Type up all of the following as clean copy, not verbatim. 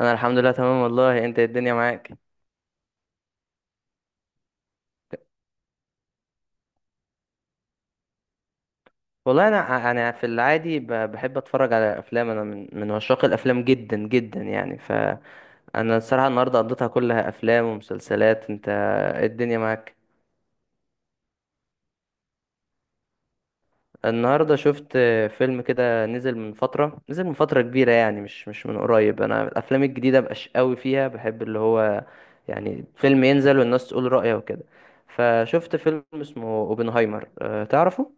انا الحمد لله تمام والله، انت إيه الدنيا معاك؟ والله انا في العادي، بحب اتفرج على افلام، انا من عشاق الافلام جدا جدا يعني، فانا الصراحه النهارده قضيتها كلها افلام ومسلسلات. انت إيه الدنيا معاك؟ النهارده شفت فيلم كده، نزل من فتره كبيره يعني، مش من قريب، انا الافلام الجديده مبقاش قوي فيها بحب، اللي هو يعني فيلم ينزل والناس تقول رايها وكده. فشفت فيلم اسمه اوبنهايمر، تعرفه؟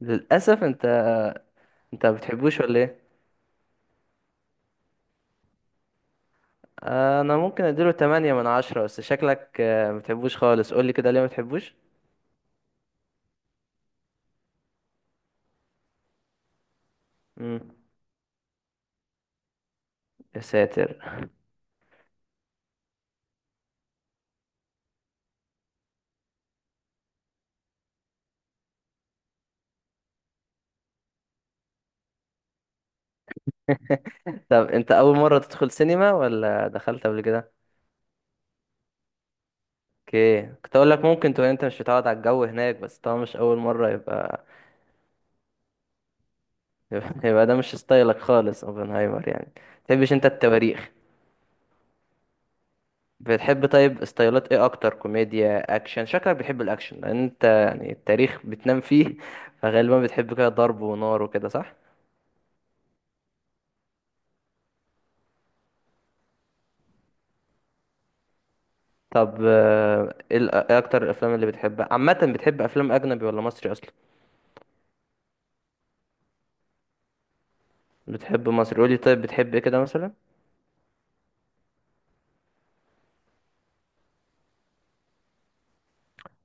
للاسف انت. انت ما بتحبوش ولا ايه؟ آه، انا ممكن اديله 8 من 10، بس شكلك ما بتحبوش خالص، قول لي كده ليه ما بتحبوش؟ امم. يا ساتر. طب انت اول مره تدخل سينما ولا دخلت قبل كده؟ اوكي، كنت اقول لك ممكن تكون انت مش متعود على الجو هناك، بس طبعا مش اول مره يبقى. يبقى ده مش ستايلك خالص اوبنهايمر، يعني ما بتحبش انت التواريخ. بتحب طيب، ستايلات ايه اكتر؟ كوميديا، اكشن؟ شكلك بتحب الاكشن لان انت يعني التاريخ بتنام فيه، فغالبا بتحب كده ضرب ونار وكده، صح؟ طب إيه اكتر الافلام اللي بتحبها عامه، بتحب افلام اجنبي ولا مصري اصلا؟ بتحب مصري؟ قولي طيب، بتحب ايه كده مثلا؟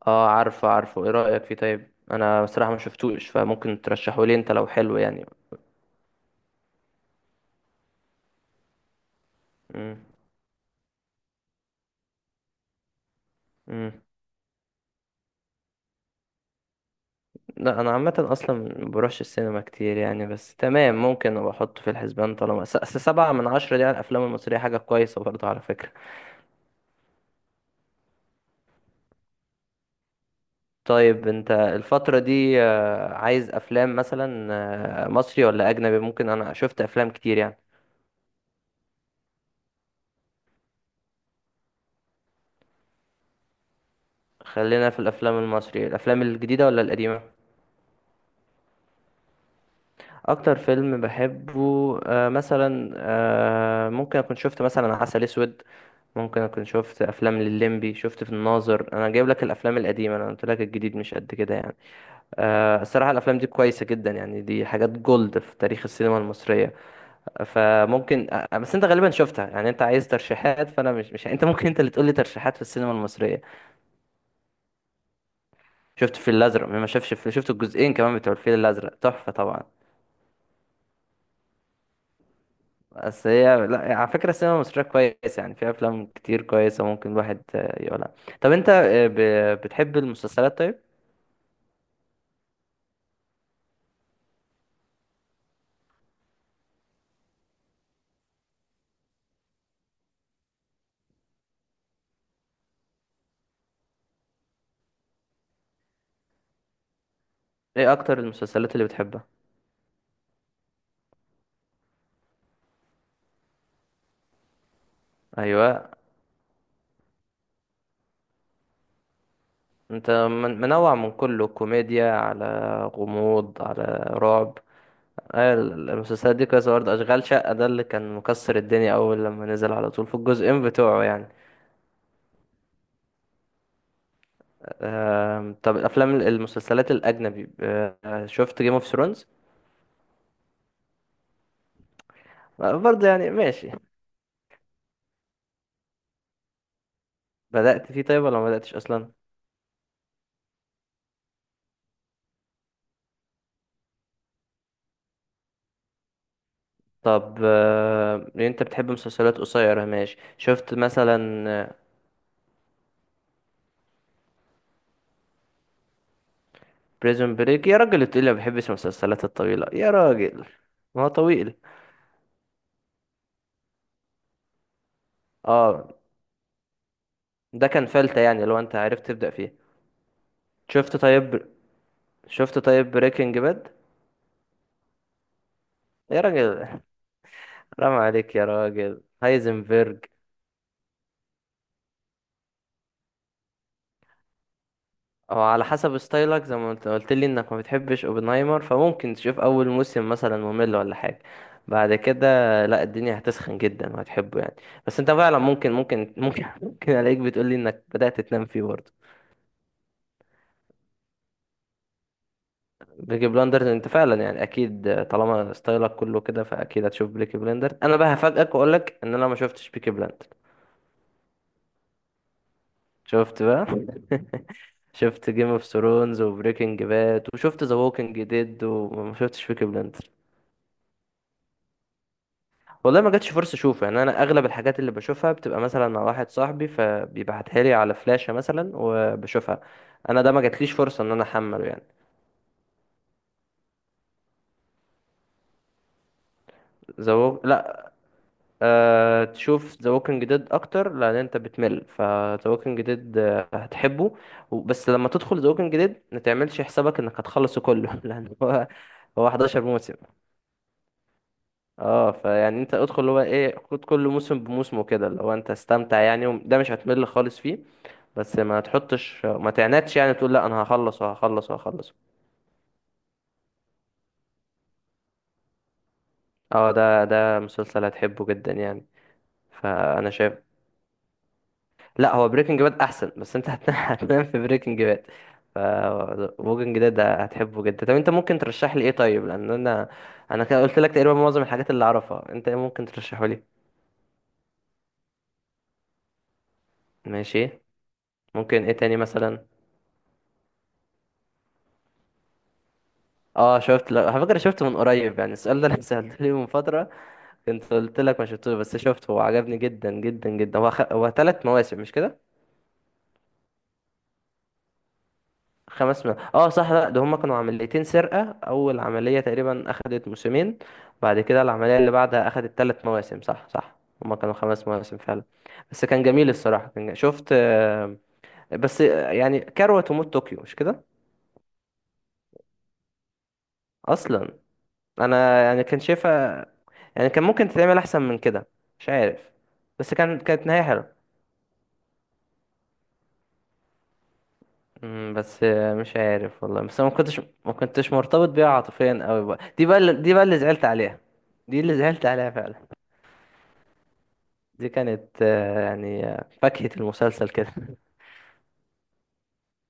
اه عارفه عارفه، ايه رايك فيه طيب؟ انا بصراحه ما شفتوش، فممكن ترشحه لي انت لو حلو يعني. امم. امم. لا، انا عامه اصلا ما بروحش السينما كتير يعني، بس تمام ممكن ابقى احطه في الحسبان، طالما سبعة من عشرة دي على الافلام المصريه حاجه كويسه برضه على فكره. طيب انت الفتره دي عايز افلام مثلا مصري ولا اجنبي؟ ممكن، انا شفت افلام كتير يعني. خلينا في الافلام المصرية، الافلام الجديدة ولا القديمة؟ اكتر فيلم بحبه مثلا، ممكن اكون شفت مثلا عسل اسود، ممكن اكون شفت افلام لليمبي، شفت في الناظر. انا جايب لك الافلام القديمة، انا قلت لك الجديد مش قد كده يعني. الصراحة الافلام دي كويسة جدا يعني، دي حاجات جولد في تاريخ السينما المصرية، فممكن، بس انت غالبا شفتها يعني، انت عايز ترشيحات، فانا مش مش انت ممكن انت اللي تقول لي ترشيحات في السينما المصرية. شفت الفيل الازرق؟ مين ما شافش شفت الجزئين كمان بتوع الفيل الازرق، تحفة طبعا. بس هي لا، على فكرة السينما المصرية كويس يعني، في أفلام كتير كويسة ممكن الواحد يقولها. طب أنت بتحب المسلسلات طيب؟ إيه أكتر المسلسلات اللي بتحبها؟ أيوة. أنت منوع من كله، كوميديا، على غموض، على رعب؟ المسلسلات دي كويسة برضه، أشغال شقة ده اللي كان مكسر الدنيا أول لما نزل على طول في الجزئين بتوعه يعني. طب المسلسلات الأجنبي، شفت جيم اوف ثرونز؟ برضه، يعني ماشي. بدأت فيه طيب ولا ما بدأتش أصلا؟ طب انت بتحب مسلسلات قصيرة ماشي، شفت مثلا؟ بريزون بريك، يا راجل تقول لي ما بحبش المسلسلات الطويلة! يا راجل، ما هو طويل. اه، ده كان فلتة يعني لو انت عرفت تبدأ فيه. شفت طيب؟ شفت طيب بريكنج باد؟ يا راجل، رام عليك يا راجل! هايزنبرج! او على حسب ستايلك زي ما انت قلت لي انك ما بتحبش اوبنهايمر، فممكن تشوف اول موسم مثلا ممل ولا حاجه بعد كده. لا، الدنيا هتسخن جدا وهتحبه يعني. بس انت فعلا ممكن ممكن الاقيك بتقول لي انك بدأت تنام فيه برضه. بيكي بلاندرز! انت فعلا يعني اكيد طالما ستايلك كله كده فاكيد هتشوف بيكي بلاندرز، انا بقى هفاجئك واقول لك ان انا ما شفتش بيكي بلاندرز. شفت بقى! شفت جيم اوف ثرونز وبريكنج باد، وشفت ذا ووكينج ديد، وما شفتش بيكي بلاندرز. والله ما جاتش فرصة اشوفه يعني، انا اغلب الحاجات اللي بشوفها بتبقى مثلا مع واحد صاحبي فبيبعتها لي على فلاشة مثلا وبشوفها. انا ده ما جاتليش فرصة ان انا احمله يعني. لا. تشوف ذا ووكينج ديد اكتر لان انت بتمل، فذا ووكينج ديد هتحبه. بس لما تدخل ذا ووكينج ديد ما تعملش حسابك انك هتخلصه كله لان هو 11 موسم. اه فيعني، انت ادخل اللي هو ايه، خد كل موسم بموسمه كده اللي هو انت استمتع يعني، ده مش هتمل خالص فيه. بس ما تحطش ما تعنتش يعني، تقول لا انا هخلص وهخلص وهخلص. اه، ده مسلسل هتحبه جدا يعني فانا شايف. لا، هو بريكنج باد احسن بس انت هتنام هتنام في بريكنج باد، ف ووكينج ديد ده هتحبه جدا. طب انت ممكن ترشح لي ايه طيب، لان انا كده قلت لك تقريبا معظم الحاجات اللي اعرفها، انت ايه ممكن ترشحه لي؟ ماشي. ممكن ايه تاني مثلا؟ اه شفت، لا على فكره شفت من قريب يعني، السؤال ده انا سالته لي من فتره، كنت قلت لك ما شفتوش بس شفته، هو عجبني جدا جدا جدا، هو ثلاث مواسم مش كده؟ خمس م... اه صح، لا ده هما كانوا عمليتين سرقة، اول عملية تقريبا اخدت موسمين، بعد كده العملية اللي بعدها اخدت ثلاث مواسم. صح، صح. هما كانوا خمس مواسم فعلا. بس كان جميل الصراحة، شفت. آه، بس يعني كروة تموت، طوكيو مش كده؟ اصلا، انا يعني كان شايفها، يعني كان ممكن تتعمل احسن من كده، مش عارف. بس كانت نهاية حلوة. بس مش عارف والله، بس أنا ما كنتش مرتبط بيها عاطفيا قوي، بقى دي بقى دي بقى اللي زعلت عليها، دي اللي زعلت عليها فعلا. دي كانت يعني فاكهة المسلسل كده.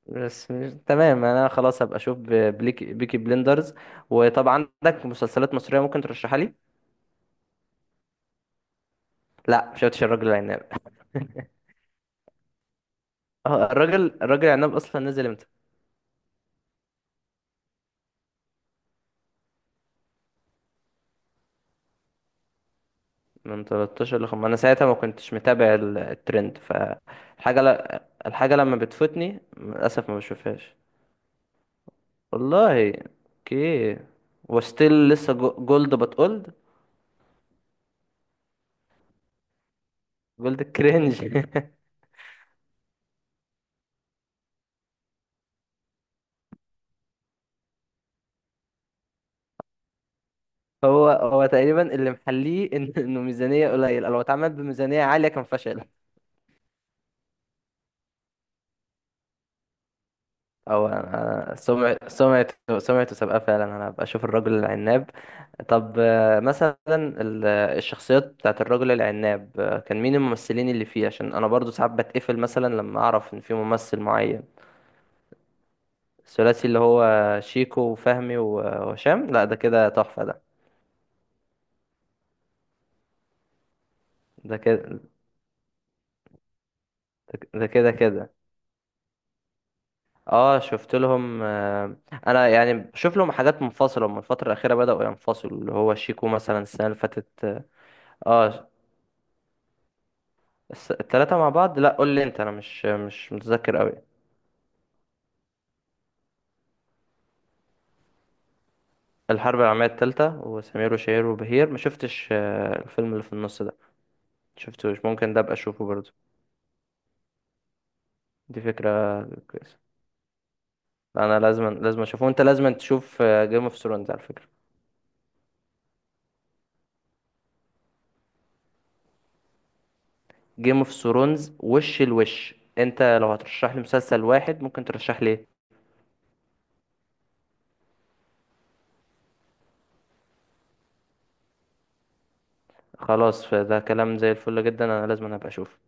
بس مش... تمام، انا خلاص هبقى اشوف بيكي بليندرز. وطب عندك مسلسلات مصرية ممكن ترشحها لي؟ لا، مش شفتش الراجل العناب. اه، الراجل العناب اصلا نزل امتى؟ من 13 ل 5، انا ساعتها ما كنتش متابع الترند، فالحاجة الحاجة لما بتفوتني للاسف ما بشوفهاش. والله. اوكي. وستيل لسه جولد، بتقولد جولد كرينج. هو تقريبا اللي محليه انه ميزانيه قليله، لو اتعمل بميزانيه عاليه كان فشل. او سمعة سمعته سمعته سابقه فعلا، انا هبقى اشوف الرجل العناب. طب مثلا الشخصيات بتاعت الرجل العناب كان مين الممثلين اللي فيه؟ عشان انا برضو ساعات بتقفل مثلا لما اعرف ان في ممثل معين. الثلاثي اللي هو شيكو وفهمي وهشام. لا ده كده تحفة ده. ده كده، ده كده كده. اه، شفت لهم. انا يعني بشوف لهم حاجات منفصله، هم الفتره الاخيره بداوا ينفصلوا، اللي هو شيكو مثلا السنه اللي فاتت. اه التلاته مع بعض، لا قول لي انت، انا مش متذكر قوي. الحرب العالميه التالته وسمير وشهير وبهير ما شفتش. الفيلم اللي في النص ده شفتوش؟ ممكن ده ابقى اشوفه برضه، دي فكره كويسه. انا لازم لازم اشوفه، وانت لازم تشوف جيم اوف ثرونز على فكره. جيم اوف ثرونز، وش الوش! انت لو هترشح لي مسلسل واحد ممكن ترشح لي إيه؟ خلاص، فده كلام زي الفل جدا، انا لازم أنا ابقى اشوف.